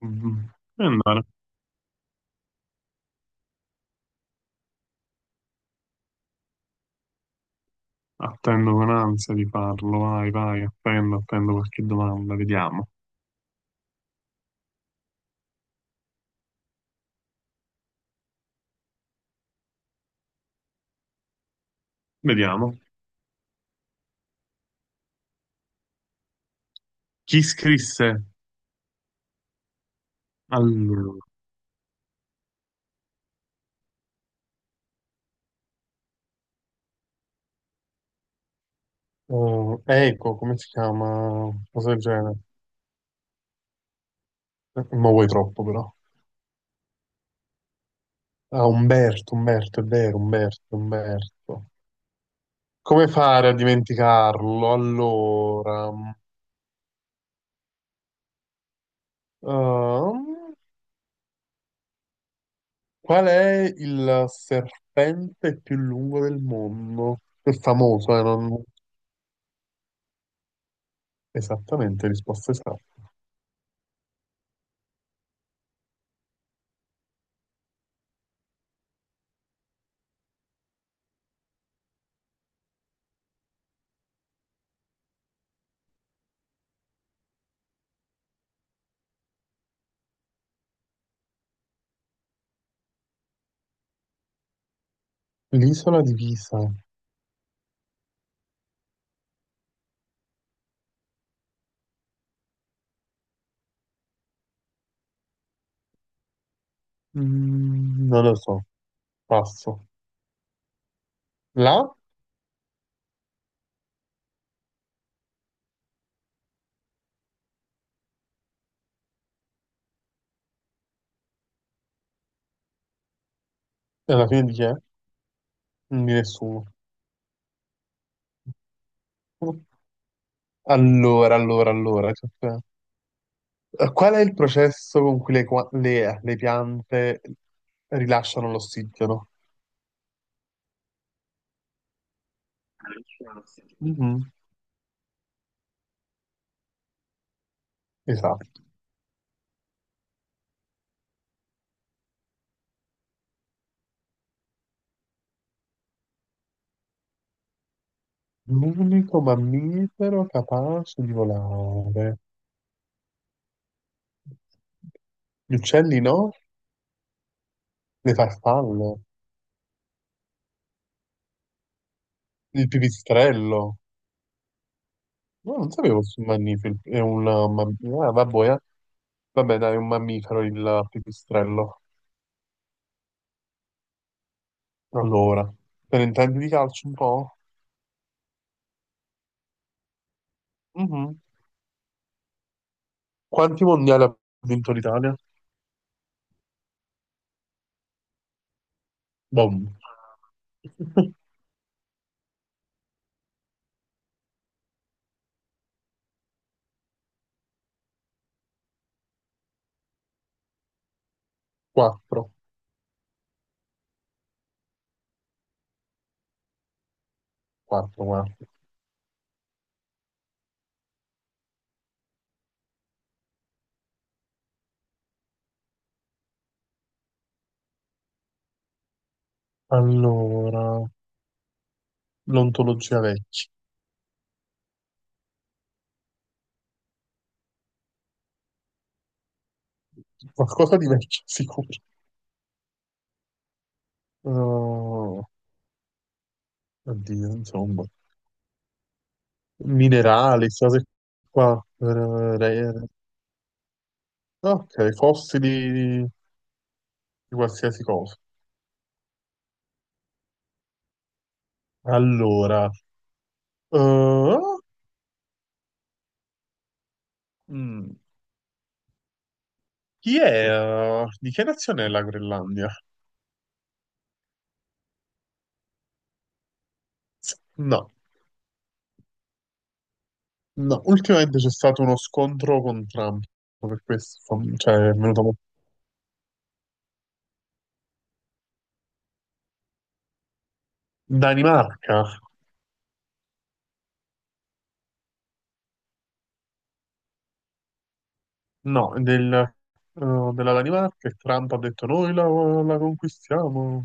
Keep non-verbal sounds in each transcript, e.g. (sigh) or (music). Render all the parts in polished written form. Mhm. E allora, attendo con ansia di farlo, vai, vai, attendo, attendo qualche domanda, vediamo, vediamo. Chi scrisse, allora? Oh, ecco, come si chiama? Cosa del genere? Ma vuoi troppo però. Ah, Umberto, Umberto, è vero, Umberto, Umberto. Come fare a dimenticarlo? Allora, ehm, qual è il serpente più lungo del mondo? È famoso, non... Esattamente, risposta esatta. L'isola di Pisa. Non lo so, passo. La? E alla fine di chi è? Di nessuno. Allora, allora, allora. Cioè, qual è il processo con cui le piante rilasciano l'ossigeno? Mhm. Esatto. L'unico mammifero capace di volare. Gli uccelli no? Le farfalle? Il pipistrello? No, non sapevo fosse un mammifero. È un mammifero. Ah, vabbè, eh. Vabbè, dai, è un mammifero il pipistrello. Allora, te ne intendi di calcio un po'? Mhm. Quanti mondiali ha vinto l'Italia? Boom. (laughs) Quattro. Quattro, guarda. Allora, l'ontologia vecchia. Qualcosa di vecchio, (laughs) sicuro. Oh, oddio, insomma. Minerali, queste cose qua. Ok, fossili di qualsiasi cosa. Allora, oh, Mm, chi è? Di che nazione è la Groenlandia? No, no, ultimamente c'è stato uno scontro con Trump, per questo, cioè è venuto... Danimarca? No, del, della Danimarca e Trump ha detto noi la conquistiamo.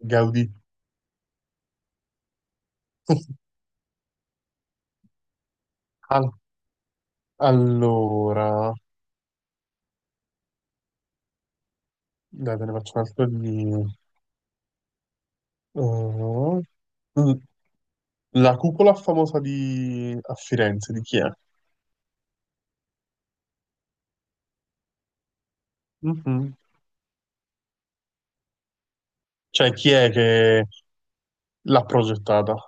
Gaudì. Al- allora, dai, te ne faccio un'altra di... oh, mm, la cupola famosa di... a Firenze, di chi è? Mhm. Cioè, chi è che l'ha progettata.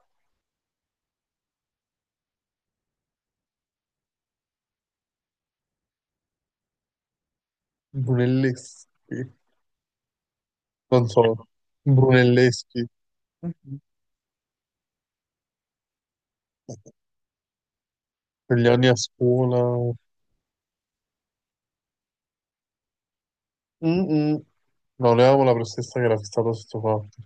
Brunelleschi, non so, Brunelleschi, quegli anni a scuola. Mm-mm. No, ne avevo la professoressa che era fissata su questo fatto.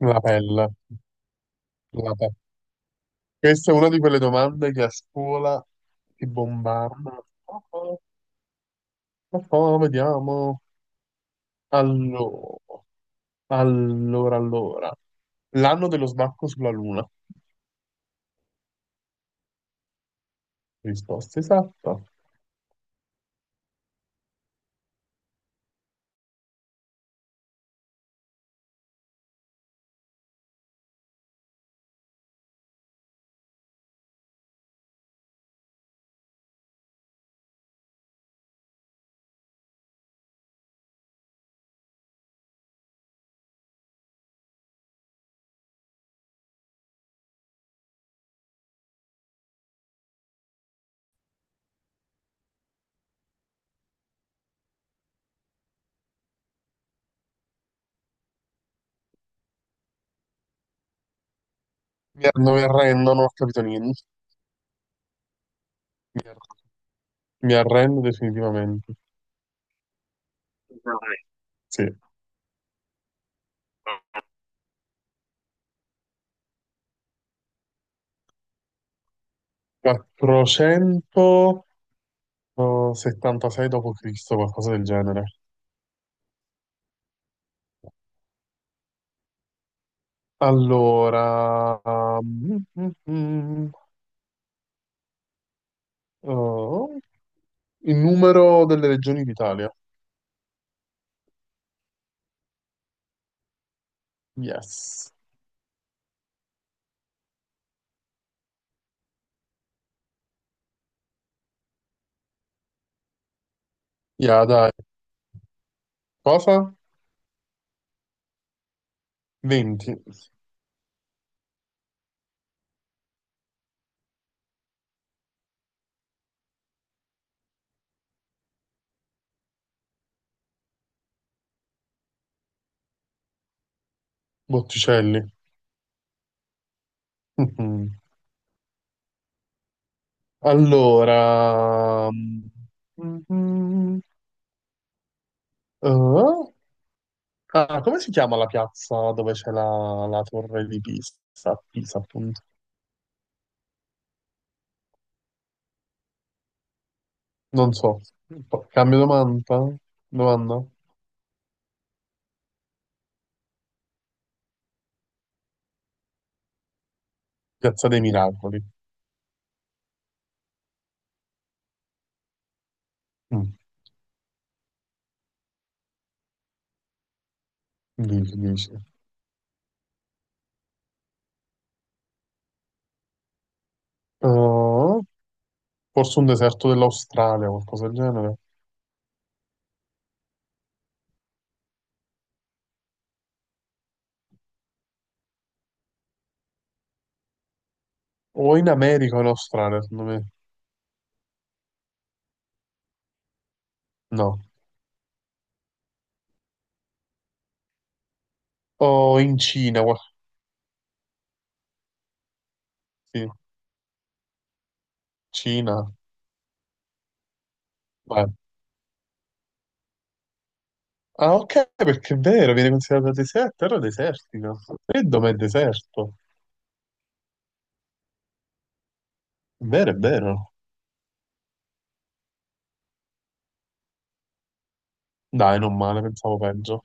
La pelle, la pelle. Questa è una di quelle domande che a scuola ti bombardano. Ah, ah, ah, ah, vediamo. Allora, allora, allora. L'anno dello sbarco sulla Luna. Risposta esatta. Mi arrendo, non ho capito niente. Mi ar- mi arrendo definitivamente. Dai. Sì. 476 d.C., qualcosa del genere. Allora, mm, mm, mm, mm, oh, il numero delle regioni d'Italia. Yes. Yeah, dai. Cosa? 20. Botticelli. (laughs) Mhm. Allora, mm, mm, oh, ah, come si chiama la piazza dove c'è la torre di Pisa? Pisa, appunto. Non so. Cambio domanda? Domanda? Piazza dei Miracoli. Mm, Dici, dici. Uh, Forse un deserto dell'Australia, qualcosa del genere. O in America o in Australia, secondo me. No. O in Cina, sì. Cina. Vai. Ah, ok, perché è vero, viene considerato deserto, terra desertica. E dov'è deserto? È vero, è vero. Dai, non male, pensavo peggio.